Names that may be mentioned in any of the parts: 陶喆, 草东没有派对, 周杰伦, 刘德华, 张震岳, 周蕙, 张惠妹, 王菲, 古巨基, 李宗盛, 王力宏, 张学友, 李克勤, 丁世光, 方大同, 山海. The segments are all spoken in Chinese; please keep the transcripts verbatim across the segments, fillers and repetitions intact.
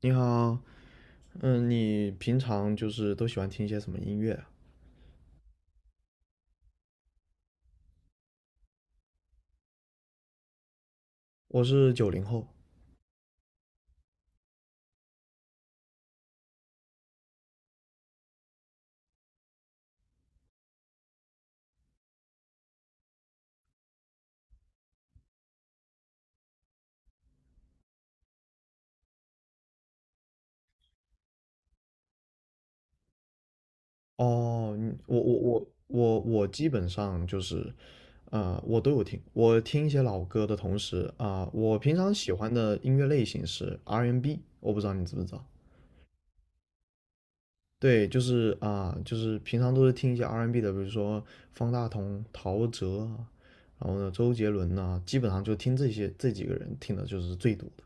你好。嗯，你平常就是都喜欢听一些什么音乐啊？我是九零后。哦，你我我我我我基本上就是，呃，我都有听。我听一些老歌的同时啊，我平常喜欢的音乐类型是 R and B，n 我不知道你知不知道。对，就是啊，就是平常都是听一些 R and B n 的，比如说方大同、陶喆啊，然后呢，周杰伦呐、基本上就听这些这几个人听的就是最多的。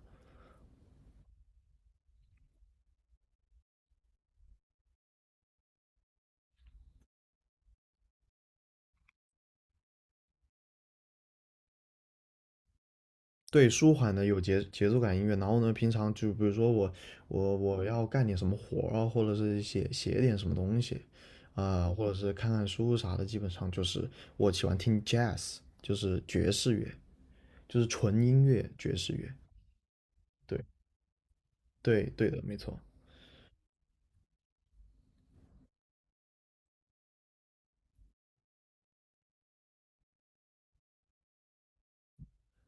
对，舒缓的有节节奏感音乐，然后呢，平常就比如说我我我要干点什么活啊，或者是写写点什么东西，啊、呃或者是看看书啥的，基本上就是我喜欢听 jazz，就是爵士乐，就是纯音乐爵士乐。对对对的，没错。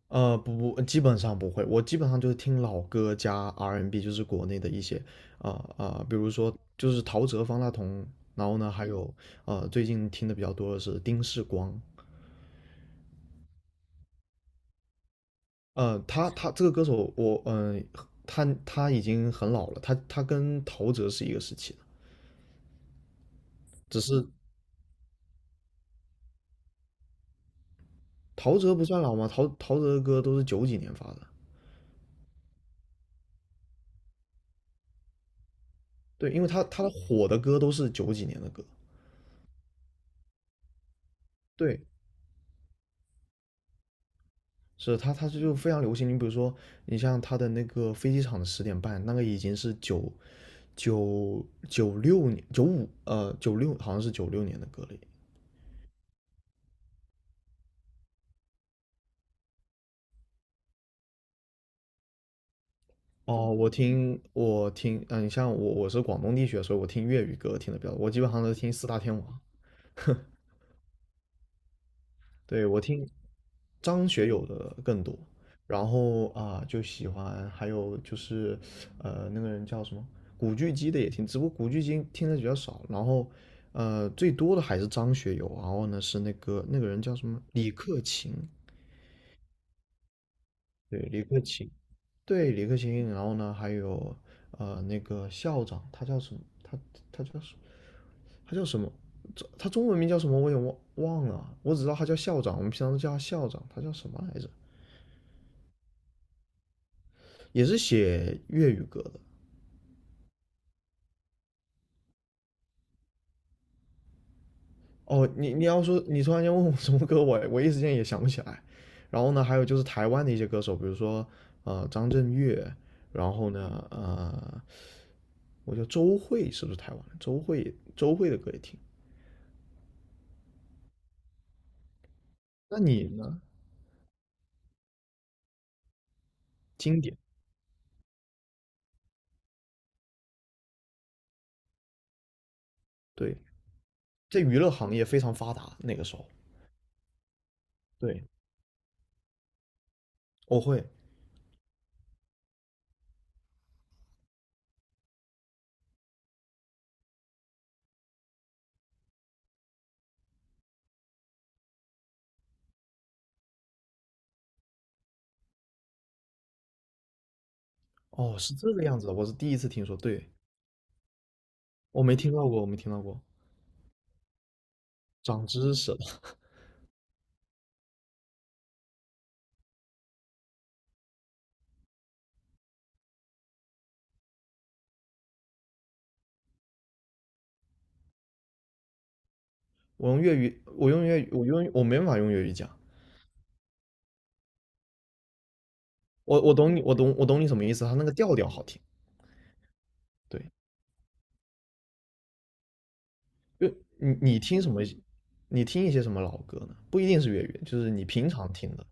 呃，不不，基本上不会，我基本上就是听老歌加 R and B，n 就是国内的一些啊呃啊、呃比如说就是陶喆、方大同，然后呢，还有呃，最近听的比较多的是丁世光。呃，他他这个歌手，我嗯、呃他他已经很老了，他他跟陶喆是一个时期的，只是陶喆不算老吗？陶陶喆的歌都是九几年发的，对，因为他他的火的歌都是九几年的歌，对，是他他就非常流行。你比如说，你像他的那个飞机场的十点半，那个已经是九九九六年九五呃九六好像是九六年的歌了。哦，我听我听，嗯、你像我我是广东地区的，所以我听粤语歌听的比较多，我基本上都听四大天王。对，我听张学友的更多，然后啊就喜欢，还有就是呃那个人叫什么古巨基的也听，只不过古巨基听的比较少，然后呃最多的还是张学友，然后呢是那个那个人叫什么李克勤，对李克勤，对李克勤，然后呢还有呃那个校长，他叫什么？他他叫什他叫什么？这他中文名叫什么？我也忘忘了啊，我只知道他叫校长，我们平常都叫他校长，他叫什么来着？也是写粤语歌的。哦，你你要说你突然间问我什么歌，我我一时间也想不起来。然后呢，还有就是台湾的一些歌手，比如说呃张震岳，然后呢呃，我叫周蕙，是不是台湾的周蕙？周蕙的歌也听。那你呢？经典，对，在娱乐行业非常发达那个时候。对，我会。哦，是这个样子的，我是第一次听说。对，我没听到过，我没听到过，长知识了。我用粤语，我用粤语，我用我没办法用粤语讲。我我懂你，我懂我懂你什么意思，他那个调调好听，对，就你你听什么，你听一些什么老歌呢？不一定是粤语，就是你平常听的，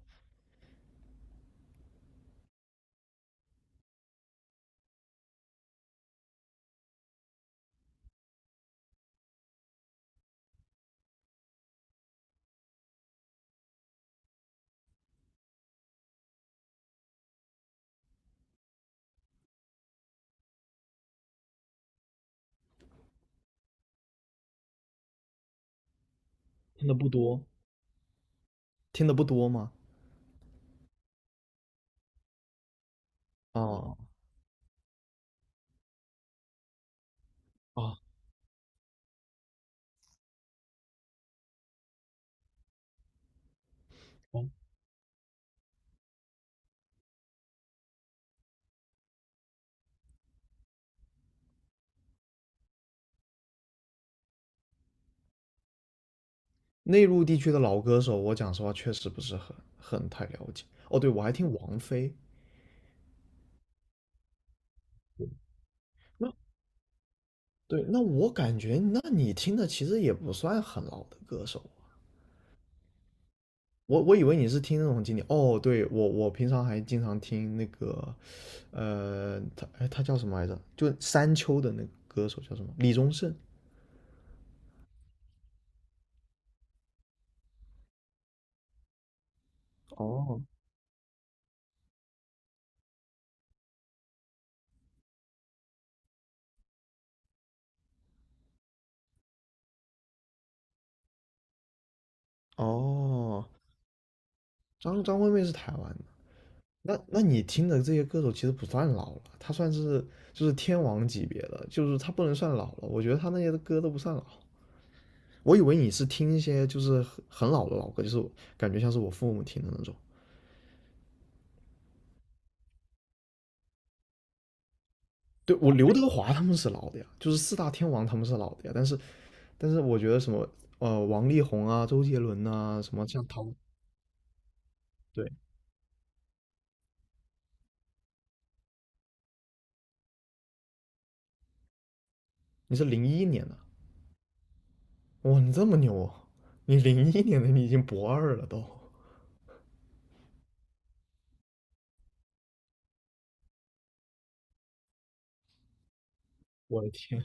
听的不多。听的不多吗？啊、啊。哦内陆地区的老歌手，我讲实话确实不是很很太了解。哦，对，我还听王菲。那对，那我感觉，那你听的其实也不算很老的歌手啊。我我以为你是听那种经典。哦，对，我我平常还经常听那个呃，他哎，他叫什么来着？就山丘的那个歌手叫什么？李宗盛。哦，哦，张张惠妹是台湾的。那那你听的这些歌手其实不算老了，他算是就是天王级别的，就是他不能算老了。我觉得他那些歌都不算老。我以为你是听一些就是很很老的老歌，就是感觉像是我父母听的那种。对，我刘德华他们是老的呀，就是四大天王他们是老的呀。但是但是我觉得什么呃王力宏啊、周杰伦啊，什么像陶对，你是零一年的，哇，你这么牛啊！你零一年的，你已经博二了都。我的天，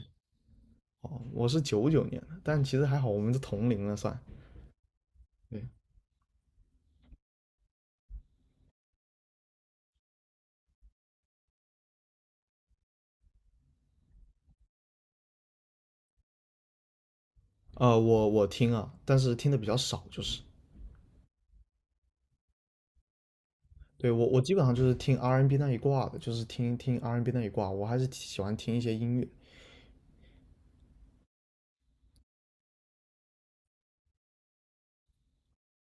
哦，我是九九年的，但其实还好，我们是同龄了算。对，呃，我我听啊，但是听的比较少，就是对，我我基本上就是听 R and B N 那一挂的，就是听听 R and B N 那一挂，我还是喜欢听一些音乐。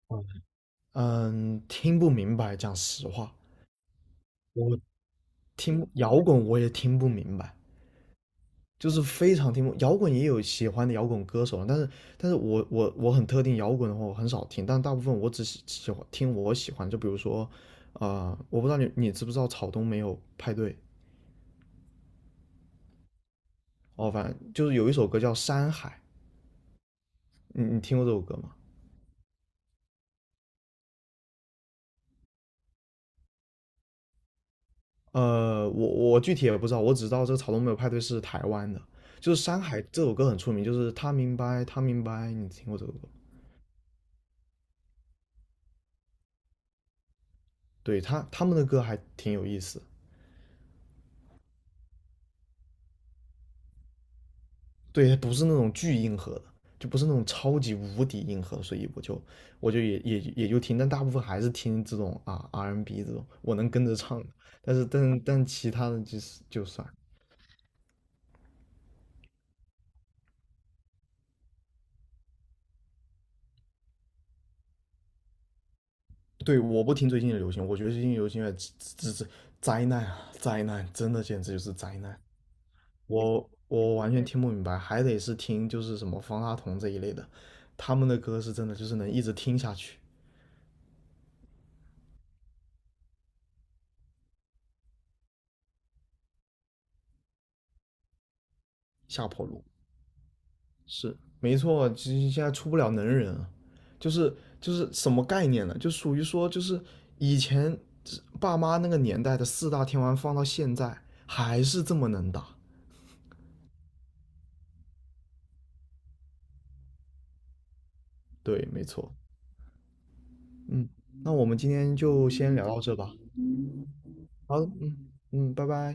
嗯嗯，听不明白，讲实话，我听摇滚我也听不明白，就是非常听不懂摇滚也有喜欢的摇滚歌手，但是但是我我我很特定摇滚的话我很少听，但大部分我只喜喜欢听我喜欢，就比如说，啊，呃我不知道你你知不知道草东没有派对。哦，反正就是有一首歌叫《山海》，你你听过这首歌吗？呃，我我具体也不知道，我只知道这个草东没有派对是台湾的，就是《山海》这首歌很出名，就是他明白他明白，你听过这首歌？对他他们的歌还挺有意思，对，它不是那种巨硬核的，就不是那种超级无敌硬核，所以我就我就也也也就听，但大部分还是听这种啊 R and B n 这种我能跟着唱的，但是但但其他的就是就算。对，我不听最近的流行，我觉得最近流行乐只只是灾难啊，灾难，真的简直就是灾难。我我完全听不明白，还得是听就是什么方大同这一类的，他们的歌是真的就是能一直听下去，下坡路。是没错，其实现在出不了能人啊，就是就是什么概念呢？就属于说，就是以前爸妈那个年代的四大天王放到现在还是这么能打。对，没错。嗯，那我们今天就先聊到这吧。好，嗯嗯，拜拜。